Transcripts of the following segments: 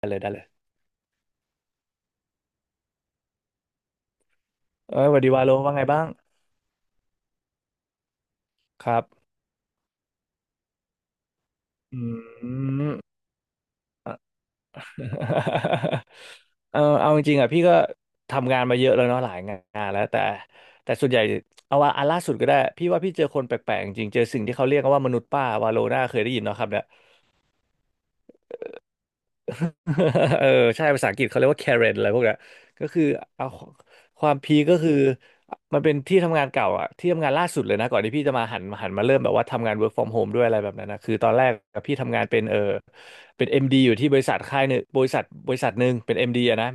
ได้เลยได้เลยเอ้ยสวัสดีวาโลว่าไงบ้างครับอืม เอาจริงๆอ่ะพี่ก็ทำงานมาเยอะแล้วเนาะหลายงานแล้วแต่ส่วนใหญ่เอาว่าอันล่าสุดก็ได้พี่ว่าพี่เจอคนแปลกๆจริงๆเจอสิ่งที่เขาเรียกกันว่ามนุษย์ป้าวาโลน่าเคยได้ยินเนาะครับเนี่ย เออใช่ภาษาอังกฤษเขาเรียกว่า Karen อะไรพวกเนี้ยก็คือเอาความพีคก็คือมันเป็นที่ทำงานเก่าอะที่ทำงานล่าสุดเลยนะก่อนที่พี่จะมาหันมาเริ่มแบบว่าทำงาน work from home ด้วยอะไรแบบนั้นนะคือตอนแรกอะพี่ทำงานเป็นเป็น MD อมดีอยู่ที่บริษัทค่ายหนึ่งบริษัทหนึ่งเป็น MD อมดีอะนะ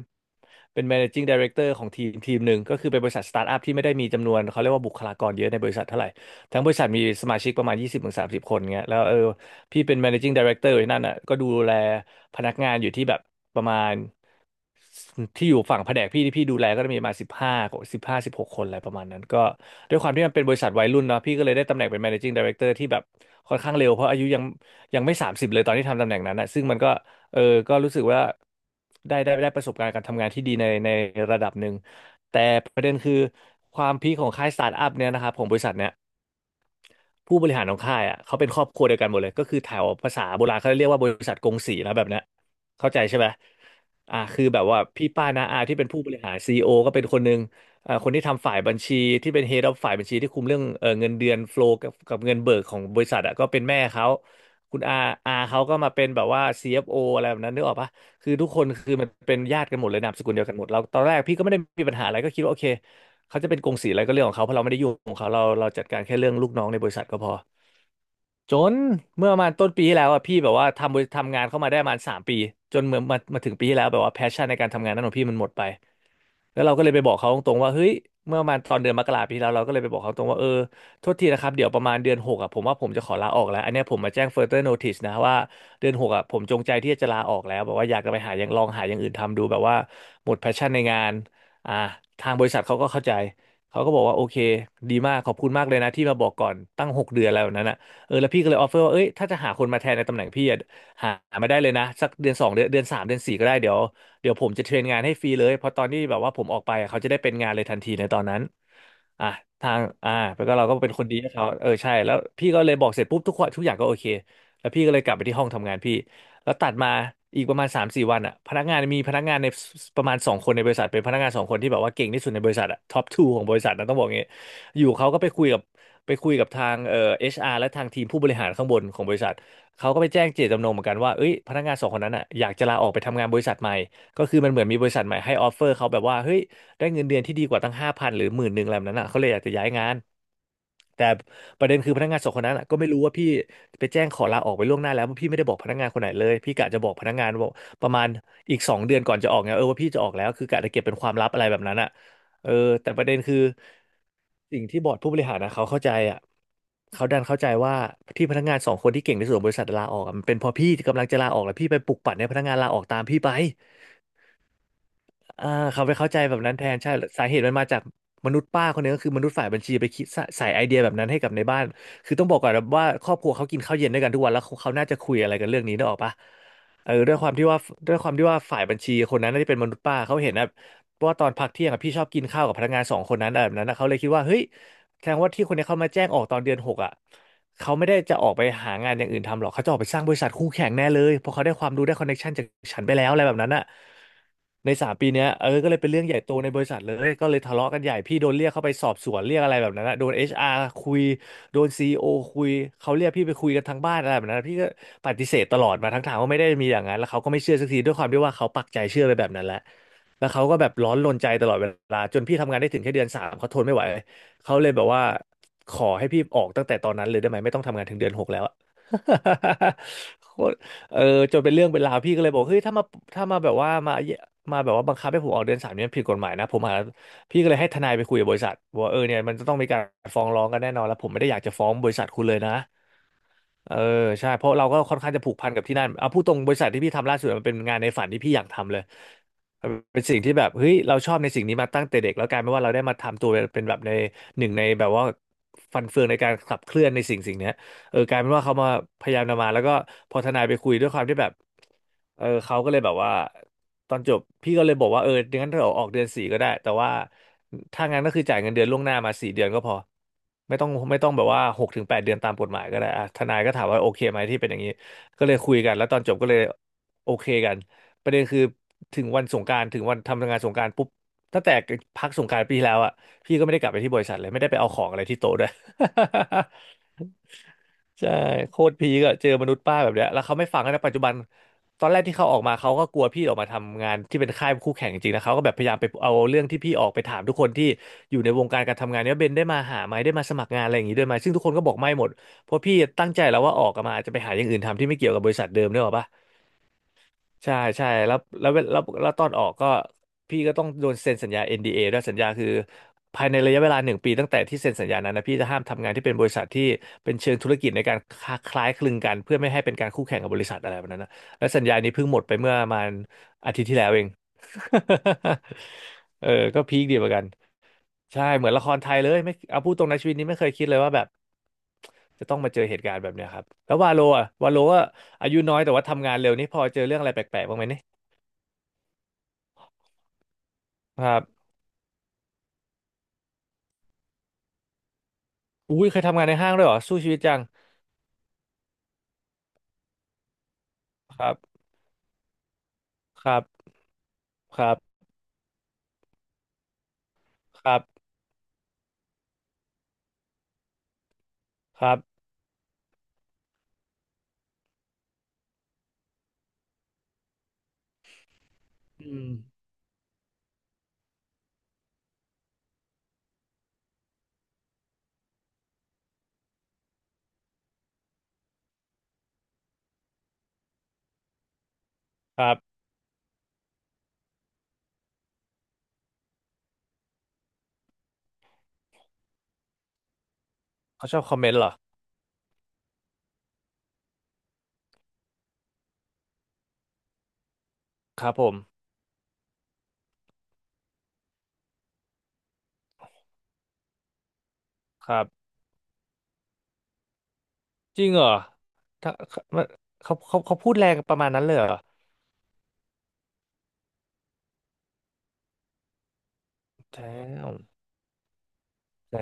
เป็น managing director ของทีมทีมหนึ่งก็คือเป็นบริษัทสตาร์ทอัพที่ไม่ได้มีจำนวนเขาเรียกว่าบุคลากรเยอะในบริษัทเท่าไหร่ทั้งบริษัทมีสมาชิกประมาณ20-30คนเงี้ยแล้วพี่เป็น managing director อยู่ที่นั่นอ่ะก็ดูแลพนักงานอยู่ที่แบบประมาณที่อยู่ฝั่งแผนกพี่ที่พี่ดูแลก็จะมีประมาณสิบห้าสิบหกคนอะไรประมาณนั้นก็ด้วยความที่มันเป็นบริษัทวัยรุ่นเนาะพี่ก็เลยได้ตำแหน่งเป็น managing director ที่แบบค่อนข้างเร็วเพราะอายุยังไม่30เลยตอนที่ทำตำแหน่งนั้นนะซึ่งมันก็เออก็รู้สึกว่าได้ประสบการณ์การทำงานที่ดีในระดับหนึ่งแต่ประเด็นคือความพีคของค่ายสตาร์ทอัพเนี่ยนะครับของบริษัทเนี่ย ผู้บริหารของค่ายอ่ะเขาเป็นครอบครัวเดียวกันหมดเลยก็คือแถวภาษาโบราณเขาเรียกว่าบริษัทกงสีนะแบบเนี้ยเข้าใจใช่ไหมอ่าคือแบบว่าพี่ป้าน้าอาที่เป็นผู้บริหารซีอีโอก็เป็นคนหนึ่งอ่าคนที่ทำฝ่ายบัญชีที่เป็น head of ฝ่ายบัญชีที่คุมเรื่องเงินเดือนโฟล w กับเงินเบิกของบริษัทอ่ะก็เป็นแม่เขาคุณอาเขาก็มาเป็นแบบว่า CFO อฟโออะไรแบบนั้นนึกออกปะคือทุกคนคือมันเป็นญาติกันหมดเลยนามสกุลเดียวกันหมดเราตอนแรกพี่ก็ไม่ได้มีปัญหาอะไรก็คิดว่าโอเค เขาจะเป็นกงสีอะไรก็เรื่องของเขาเพราะเราไม่ได้ยุ่งของเขาเราจัดการแค่เรื่องลูกน้องในบริษัทก็พอจนเมื่อประมาณต้นปีที่แล้วอ่ะพี่แบบว่าทำบริทำงานเข้ามาได้ประมาณ3 ปีจนเมื่อมาถึงปีที่แล้วแบบว่าแพชชั่นในการทำงานนั้นของพี่มันหมดไป แล้วเราก็เลยไปบอกเขาตรงๆว่าเฮ้ยเมื่อประมาณตอนเดือนมกราปีที่แล้วเราก็เลยไปบอกเขาตรงว่าโทษทีนะครับเดี๋ยวประมาณเดือนหกอ่ะผมว่าผมจะขอลาออกแล้วอันเนี้ยผมมาแจ้ง further notice นะว่าเดือน 6อ่ะผมจงใจที่จะลาออกแล้วแบบว่าอยากจะไปหาอย่างลองหาอย่างอื่นทำดูแบบว่าหมด passion ในงานอ่าทางบริษัทเขาก็เข้าใจเขาก็บอกว่าโอเคดีมากขอบคุณมากเลยนะที่มาบอกก่อนตั้ง6 เดือนอะไรแบบนั้นอ่ะแล้วพี่ก็เลยออฟเฟอร์ว่าเอ้ยถ้าจะหาคนมาแทนในตำแหน่งพี่อะหามาได้เลยนะสักเดือนสองเดือนเดือนสามเดือนสี่ก็ได้เดี๋ยว เดี๋ยวผมจะเทรนงานให้ฟรีเลยเพราะตอนที่แบบว่าผมออกไปเขาจะได้เป็นงานเลยทันทีในตอนนั้นอ่ะทางอ่าแล้วก็เราก็เป็นคนดีให้เขาเออใช่แล้วพี่ก็เลยบอกเสร็จปุ๊บทุกคนทุกอย่างก็โอเคแล้วพี่ก็เลยกลับไปที่ห้องทำงานพี่แล้วตัดมาอีกประมาณ3-4 วันอ่ะพนักงานมีพนักงานในประมาณสองคนในบริษัทเป็นพนักงานสองคนที่แบบว่าเก่งที่สุดในบริษัทอ่ะท็อปทูของบริษัทนะต้องบอกงี้อยู่เขาก็ไปคุยกับทางเอชอาร์และทางทีมผู้บริหารข้างบนของบริษัทเขาก็ไปแจ้งเจตจำนงเหมือนกันว่าเอ้ยพนักงานสองคนนั้นอ่ะอยากจะลาออกไปทำงานบริษัทใหม่ ก็คือมันเหมือนมีบริษัทใหม่ให้ออฟเฟอร์เขาแบบว่าเฮ้ยได้เงินเดือนที่ดีกว่าตั้งห้าพันหรือหมื่นหนึ่งอะไรแบบนั้นอ่ะเขาเลยอยากจะย้ายงานแต่ประเด็นคือพนักงานสองคนนั้นอะก็ไม่รู้ว่าพี่ไปแจ้งขอลาออกไปล่วงหน้าแล้วเพราะพี่ไม่ได้บอกพนักงานคนไหนเลยพี่กะจะบอกพนักงานว่าประมาณอีกสองเดือนก่อนจะออกไงเออว่าพี่จะออกแล้วคือกะจะเก็บเป็นความลับอะไรแบบนั้นอ่ะเออแต่ประเด็นคือสิ่งที่บอร์ดผู้บริหารนะเขาเข้าใจอ่ะเขาดันเข้าใจว่าที่พนักงานสองคนที่เก่งที่สุดของบริษัทลาออกอะมันเป็นเพราะพี่กำลังจะลาออกแล้วพี่ไปปลุกปั่นให้พนักงานลาออกตามพี่ไป อ่าเขาไปเข้าใจแบบนั้นแทนใช่สาเหตุมันมาจากมนุษย์ป้าคนนึงก็คือมนุษย์ฝ่ายบัญชีไปคิดสใส่ไอเดียแบบนั้นให้กับในบ้านคือต้องบอกก่อนนะว่าครอบครัวเขากินข้าวเย็นด้วยกันทุกวันแล้วเขาน่าจะคุยอะไรกันเรื่องนี้นึกออกปะเออด้วยความที่ว่าด้วยความที่ว่าฝ่ายบัญชีคนนั้นน่าจะเป็นมนุษย์ป้าเขาเห็นนะว่าตอนพักเที่ยงอะพี่ชอบกินข้าวกับพนักงานสองคนนั้นอะแบบนั้นอะเขาเลยคิดว่าเฮ้ยแสดงว่าที่คนนี้เขามาแจ้งออกตอนเดือนหกอ่ะ เขาไม่ได้จะออกไปหางานอย่างอื่นทำหรอกเขาจะออกไปสร้างบริษัทคู่แข่งแน่เลยเพราะเขาได้ความรู้ได้คอนเน็ชันจากฉันไปแล้วอะไรแบบนั้นอะในสามปีเนี้ยเออก็เลยเป็นเรื่องใหญ่โตในบริษัทเลยก็เลยทะเลาะกันใหญ่พี่โดนเรียกเข้าไปสอบสวนเรียกอะไรแบบนั้นอะโดนเอชอาร์คุยโดนซีอีโอคุยเขาเรียกพี่ไปคุยกันทั้งบ้านอะไรแบบนั้นพี่ก็ปฏิเสธตลอดมาทั้งทางว่าไม่ได้มีอย่างนั้นแล้วเขาก็ไม่เชื่อสักทีด้วยความที่ว่าเขาปักใจเชื่อไปแบบนั้นแหละแล้วเขาก็แบบร้อนรนใจตลอดเวลาจนพี่ทำงานได้ถึงแค่เดือนสามเขาทนไม่ไหว เขาเลยแบบว่าขอให้พี่ออกตั้งแต่ตอนนั้นเลยได้ไหมไม่ต้องทำงานถึงเดือนหกแล้วอะ โคตรเออจนเป็นเรื่องเป็นราวพี่ก็เลยบอกเฮ้ยถ้ามาแบบว่ามาแบบว่าบังคับให้ผมออกเดือนสามเนี่ยมันผิดกฎหมายนะผมหาพี่ก็เลยให้ทนายไปคุยกับบริษัทว่าเออเนี่ยมันจะต้องมีการฟ้องร้องกันแน่นอนแล้วผมไม่ได้อยากจะฟ้องบริษัทคุณเลยนะ เออใช่เพราะเราก็ค่อนข้างจะผูกพันกับที่นั่นเอาพูดตรงบริษัทที่พี่ทำล่าสุดมันเป็นงานในฝันที่พี่อยากทำเลยมันเป็นสิ่งที่แบบเฮ้ยเราชอบในสิ่งนี้มาตั้งแต่เด็กแล้วกลายเป็นว่าเราได้มาทำตัวเป็นแบบในหนึ่งในแบบว่าฟันเฟืองในการขับเคลื่อนในสิ่งเนี้ย เออกลายเป็นว่าเขามาพยายามนำมาแล้วก็พอทนายไปคุยด้วยความที่แบบเออเขาก็เลยแบบว่าตอนจบพี่ก็เลยบอกว่าเอองั้นเราออกเดือนสี่ก็ได้แต่ว่าถ้างั้นก็คือจ่ายเงินเดือนล่วงหน้ามาสี่เดือนก็พอไม่ต้องแบบว่าหกถึงแปดเดือนตามกฎหมายก็ได้อ่ะทนายก็ถามว่าโอเคไหมที่เป็นอย่างนี้ก็เลยคุยกันแล้วตอนจบก็เลยโอเคกันประเด็นคือถึงวันสงกรานต์ถึงวันทำงานสงกรานต์ปุ๊บตั้งแต่พักสงกรานต์ปีที่แล้วอ่ะพี่ก็ไม่ได้กลับไปที่บริษัทเลยไม่ได้ไปเอาของอะไรที่โต๊ะด้วย ใช่โคตรพีก็เจอมนุษย์ป้าแบบเนี้ยแล้วเขาไม่ฟังนะปัจจุบันตอนแรกที่เขาออกมาเขาก็กลัวพี่ออกมาทำงานที่เป็นค่ายคู่แข่งจริงๆนะเขาก็แบบพยายามไปเอาเรื่องที่พี่ออกไปถามทุกคนที่อยู่ในวงการการทำงานเนี้ยเบนได้มาหาไหมได้มาสมัครงานอะไรอย่างงี้ด้วยไหมซึ่งทุกคนก็บอกไม่หมดเพราะพี่ตั้งใจแล้วว่าออกมาจะไปหาอย่างอื่นทำที่ไม่เกี่ยวกับบริษัทเดิมด้วยหรอปะ ใช่ใช่แล้วตอนออกก็พี่ก็ต้องโดนเซ็นสัญญา NDA ดเอด้วยสัญญาคือภายในระยะเวลาหนึ่งปีตั้งแต่ที่เซ็นสัญญานั้นนะพี่จะห้ามทำงานที่เป็นบริษัทที่เป็นเชิงธุรกิจในการคล้ายคลึงกันเพื่อไม่ให้เป็นการคู่แข่งกับบริษัทอะไรแบบนั้นนะและสัญญานี้เพิ่งหมดไปเมื่อประมาณอาทิตย์ที่แล้วเอง เออก็พีคดีเหมือนกันใช่เหมือนละครไทยเลยไม่เอาพูดตรงในะชีวิตนี้ไม่เคยคิดเลยว่าแบบจะต้องมาเจอเหตุการณ์แบบเนี้ยครับแล้ววาโลอ่ะวาโลก็อายุน้อยแต่ว่าทำงานเร็วนี่พอเจอเรื่องอะไรแปลกๆบ้างไหม ครับอุ้ยเคยทำงานในห้างด้วยเหรอสู้ชีวิตจังครับครับครับครับครับอืมครับเขาชอบคอมเมนต์เหรอครับผมครับจริงเหรอถ้ามันเขาพูดแรงประมาณนั้นเลยเหรอแจมแจ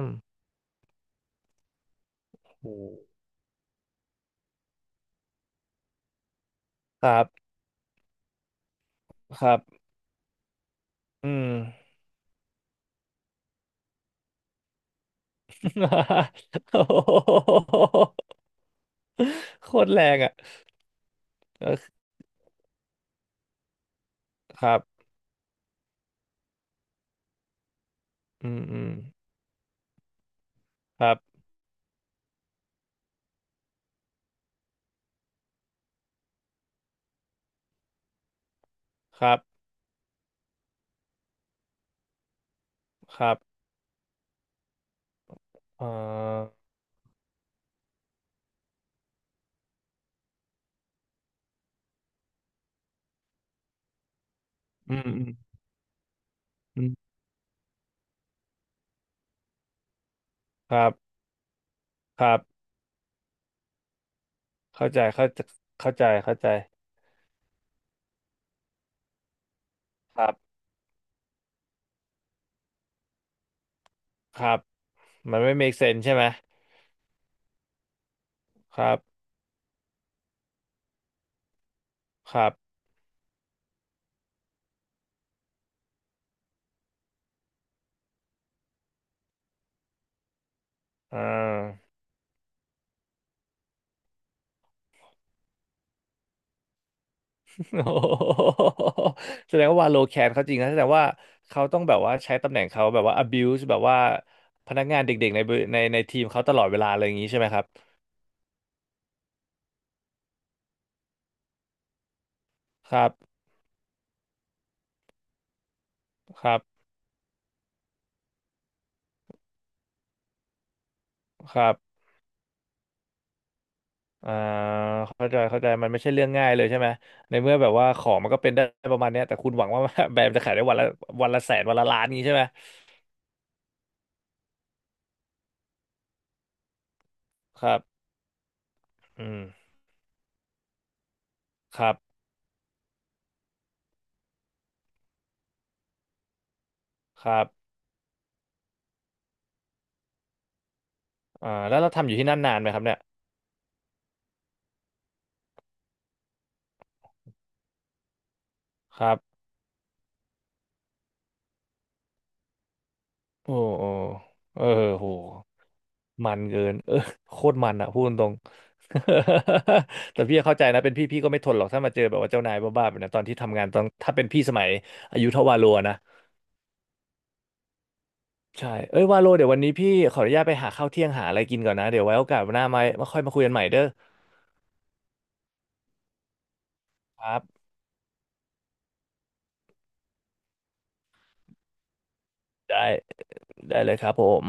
มโอ้ครับครับอืม โอ้โหโคตรแรงอ่ะเออครับอืมอืมครับครับครับเอ่ออืมอืมอืมครับครับ เข้าใจเข้าใจเข้าใจเข้าใจครับครับมันไม่ make sense ใช่ไหมครับครับอ่า โอ้โหแสดงว่าวาโลแคนเขาจริงนะแสดงว่าเขาต้องแบบว่าใช้ตำแหน่งเขาแบบว่า abuse แบบว่าพนักงานเด็กๆในในทีมเขาตลอดเวลาอะไรอย่างนี้ใช่ไหมครับครับครับครับอ่าเข้าใจเข้าใจมันไม่ใช่เรื่องง่ายเลยใช่ไหมในเมื่อแบบว่าของมันก็เป็นได้ประมาณเนี้ยแต่คุณหวังว่า แบรนด์จะขายได้วันละแสนวันละล้านนี้ใช่ไหมครับอืมครับ ครับอ่าแล้วเราทำอยู่ที่นั่นนานไหมครับเนี่ยครับโอ้โอ้เออโหมันเกินเออ โคตรมันอะพูดตรง แต่พี่เข้าใจนะเป็นพี่ก็ไม่ทนหรอกถ้ามาเจอแบบว่าเจ้านายบ้าๆแบบนั้นตอนที่ทำงานตอนถ้าเป็นพี่สมัยอายุเท่าวาโลนะใช่เอ้ยวาโลเดี๋ยววันนี้พี่ขออนุญาตไปหาข้าวเที่ยงหาอะไรกินก่อนนะเดี๋ยวไว้โอกาสหน้ามาค่อยมาคุยกันใหม่เด้อครับได้ได้เลยครับผม